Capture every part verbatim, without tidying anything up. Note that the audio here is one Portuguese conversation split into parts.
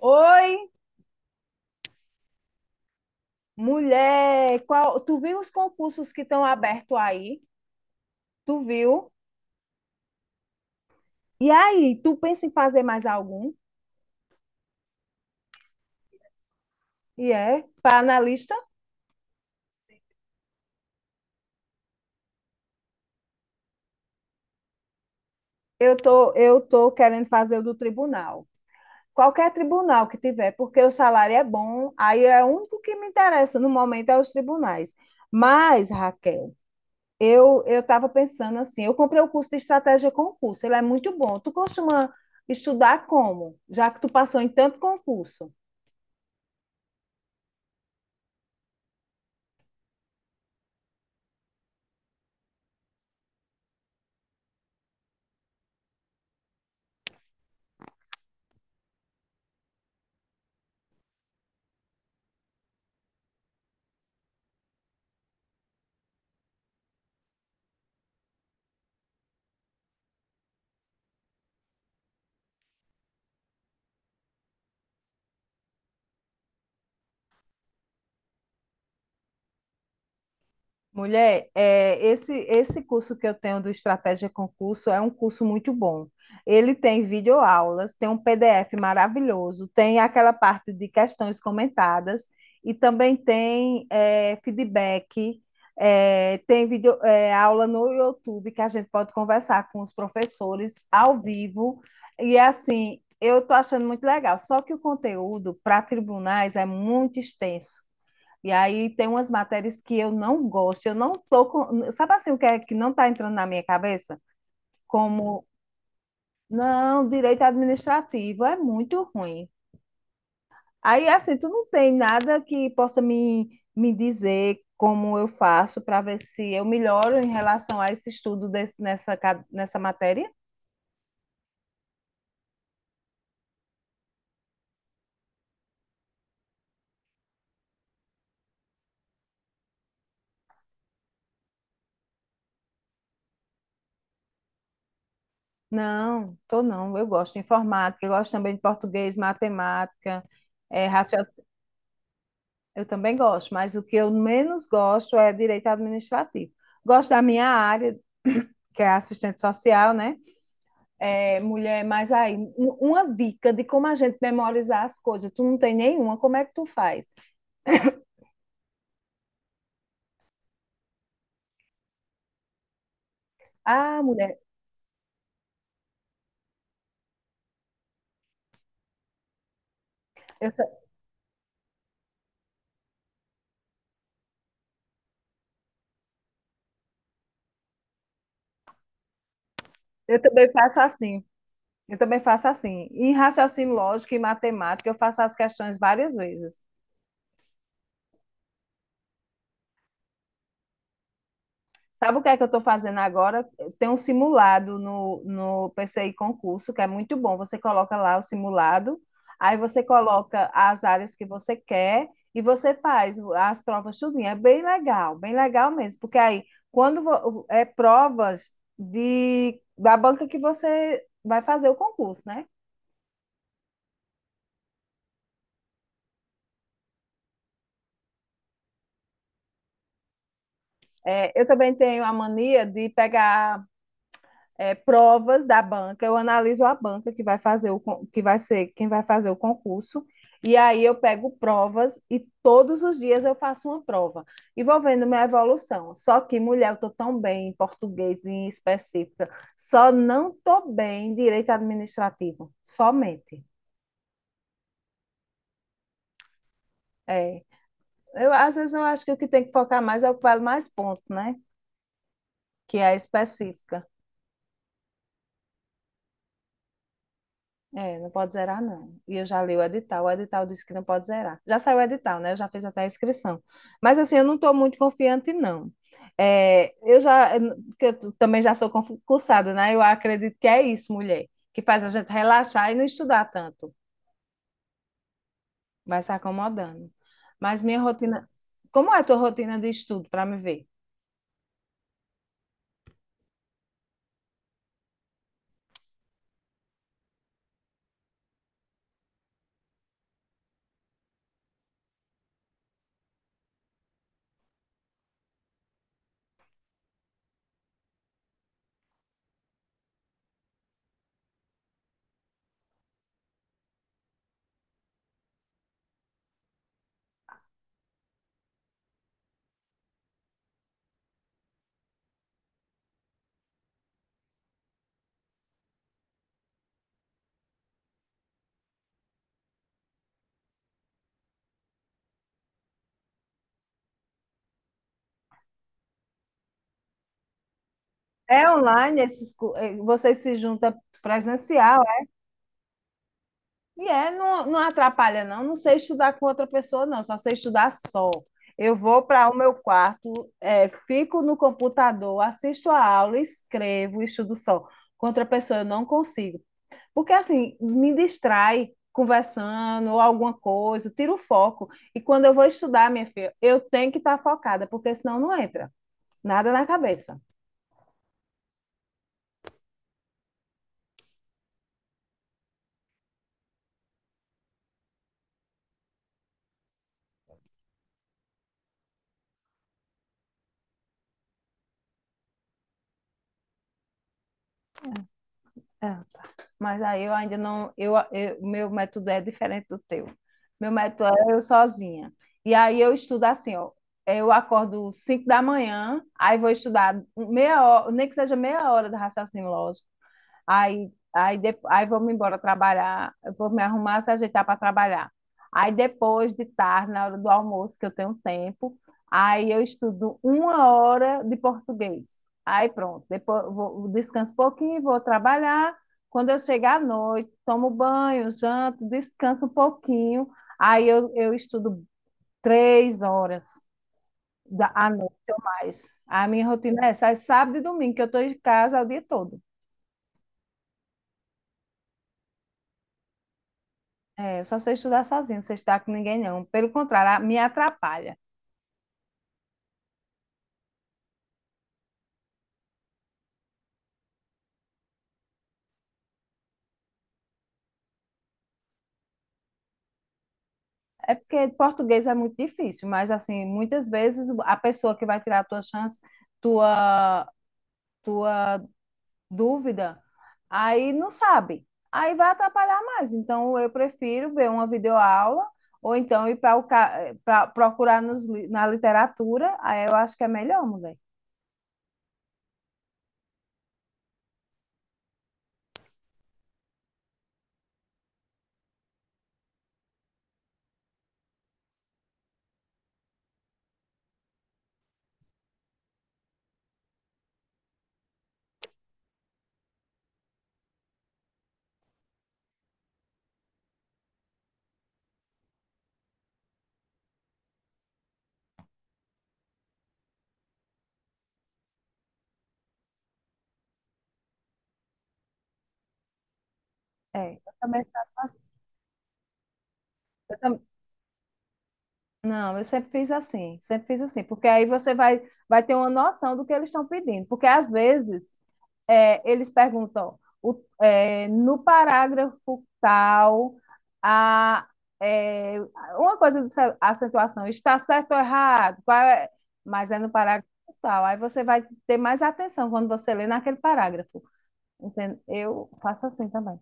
Oi, mulher, qual, tu viu os concursos que estão abertos aí? Tu viu? E aí, tu pensa em fazer mais algum? E é, para analista, eu tô, eu tô querendo fazer o do tribunal. Qualquer tribunal que tiver, porque o salário é bom, aí é o único que me interessa no momento é os tribunais. Mas, Raquel, eu eu estava pensando assim, eu comprei o curso de estratégia concurso, ele é muito bom. Tu costuma estudar como? Já que tu passou em tanto concurso. Mulher, é, esse, esse curso que eu tenho do Estratégia Concurso é um curso muito bom. Ele tem videoaulas, tem um P D F maravilhoso, tem aquela parte de questões comentadas e também tem é, feedback, é, tem vídeo, é, aula no YouTube que a gente pode conversar com os professores ao vivo. E assim, eu estou achando muito legal, só que o conteúdo para tribunais é muito extenso. E aí tem umas matérias que eu não gosto, eu não tô com... Sabe assim o que é que não está entrando na minha cabeça? Como, não, direito administrativo é muito ruim. Aí, assim, tu não tem nada que possa me, me dizer como eu faço para ver se eu melhoro em relação a esse estudo desse, nessa, ca- nessa matéria? Não, tô não. Eu gosto de informática, eu gosto também de português, matemática, é, raciocínio. Eu também gosto, mas o que eu menos gosto é direito administrativo. Gosto da minha área, que é assistente social, né? É, mulher, mas aí, um- uma dica de como a gente memorizar as coisas. Tu não tem nenhuma, como é que tu faz? Ah, mulher, eu, ta- eu também faço assim. Eu também faço assim. Em raciocínio lógico e matemática, eu faço as questões várias vezes. Sabe o que é que eu estou fazendo agora? Tem um simulado no, no P C I concurso, que é muito bom. Você coloca lá o simulado, aí você coloca as áreas que você quer e você faz as provas tudinho. É bem legal, bem legal mesmo, porque aí quando vo- é provas de da banca que você vai fazer o concurso, né? É, eu também tenho a mania de pegar é, provas da banca, eu analiso a banca que vai fazer o que vai ser quem vai fazer o concurso, e aí eu pego provas e todos os dias eu faço uma prova e vou vendo minha evolução. Só que, mulher, eu estou tão bem em português em específica, só não estou bem em direito administrativo, somente. É. Eu, às vezes eu acho que o que tem que focar mais é o que vale mais ponto, né? Que é a específica. É, não pode zerar, não. E eu já li o edital, o edital disse que não pode zerar. Já saiu o edital, né? Eu já fiz até a inscrição. Mas, assim, eu não estou muito confiante, não. É, eu já, porque eu também já sou concursada, né? Eu acredito que é isso, mulher, que faz a gente relaxar e não estudar tanto, vai se acomodando. Mas minha rotina. Como é a tua rotina de estudo, para me ver? É online, esses, cu- eh, vocês se juntam presencial? E é, não, não atrapalha, não. Não sei estudar com outra pessoa, não. Só sei estudar só. Eu vou para o meu quarto, é, fico no computador, assisto a aula, escrevo, estudo só. Com outra pessoa eu não consigo. Porque, assim, me distrai conversando ou alguma coisa, tiro o foco. E quando eu vou estudar, minha filha, eu tenho que estar focada, porque senão não entra nada na cabeça. Ah, tá. Mas aí eu ainda não, eu, eu- meu método é diferente do teu. Meu método é eu sozinha. E aí eu estudo assim, ó. Eu acordo cinco da manhã, aí vou estudar meia hora, nem que seja meia hora do raciocínio lógico. Aí, aí, de, aí vamos embora trabalhar, eu vou me arrumar, se ajeitar para trabalhar. Aí depois de tarde, na hora do almoço, que eu tenho tempo, aí eu estudo uma hora de português. Aí pronto, depois eu vou, descanso um pouquinho, vou trabalhar. Quando eu chegar à noite, tomo banho, janto, descanso um pouquinho. Aí eu, eu estudo três horas da, à noite. A minha rotina é essa, é sábado e domingo, que eu estou em casa o dia todo. É, eu só sei estudar sozinho, não sei estudar com ninguém, não. Pelo contrário, a- me atrapalha. É porque português é muito difícil, mas, assim, muitas vezes a pessoa que vai tirar a tua chance, tua, tua dúvida, aí não sabe. Aí vai atrapalhar mais. Então, eu prefiro ver uma videoaula ou então ir para o ca- pra- procurar nos, li- na literatura. Aí eu acho que é melhor, mulher. É, eu também faço assim. Eu Não, eu sempre fiz assim, sempre fiz assim, porque aí você vai, vai ter uma noção do que eles estão pedindo, porque às vezes é, eles perguntam o- é, no parágrafo tal, a, é, uma coisa de se- acentuação, está certo ou errado, qual é- mas é no parágrafo tal, aí você vai ter mais atenção quando você lê naquele parágrafo, entende? Eu faço assim também,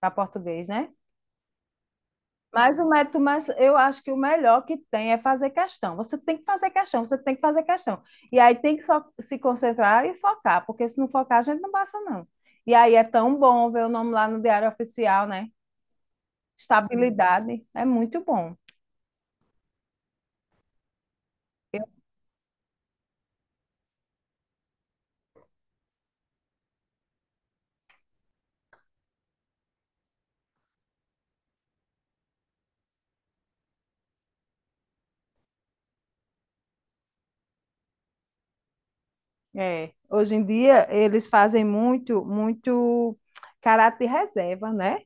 para português, né? Mas o método, mas eu acho que o melhor que tem é fazer questão. Você tem que fazer questão, você tem que fazer questão. E aí tem que só se concentrar e focar, porque se não focar, a gente não passa, não. E aí é tão bom ver o nome lá no Diário Oficial, né? Estabilidade é muito bom. Eu- É. Hoje em dia, eles fazem muito, muito caráter reserva, né?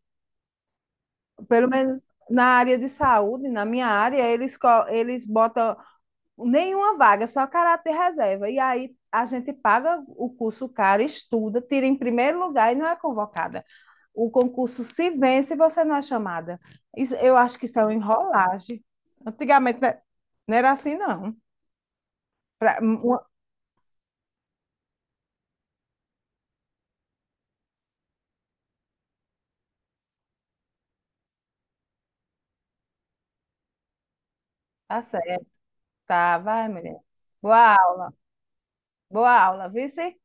Pelo menos na área de saúde, na minha área, eles, co- eles botam nenhuma vaga, só caráter reserva. E aí a gente paga o curso caro, estuda, tira em primeiro lugar e não é convocada. O concurso se vence e você não é chamada. Isso, eu acho que isso é uma enrolagem. Antigamente né, não era assim, não. Pra, uma... Tá certo, tá, vai, mulher. Boa aula, boa aula, vice?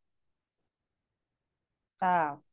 Tchau.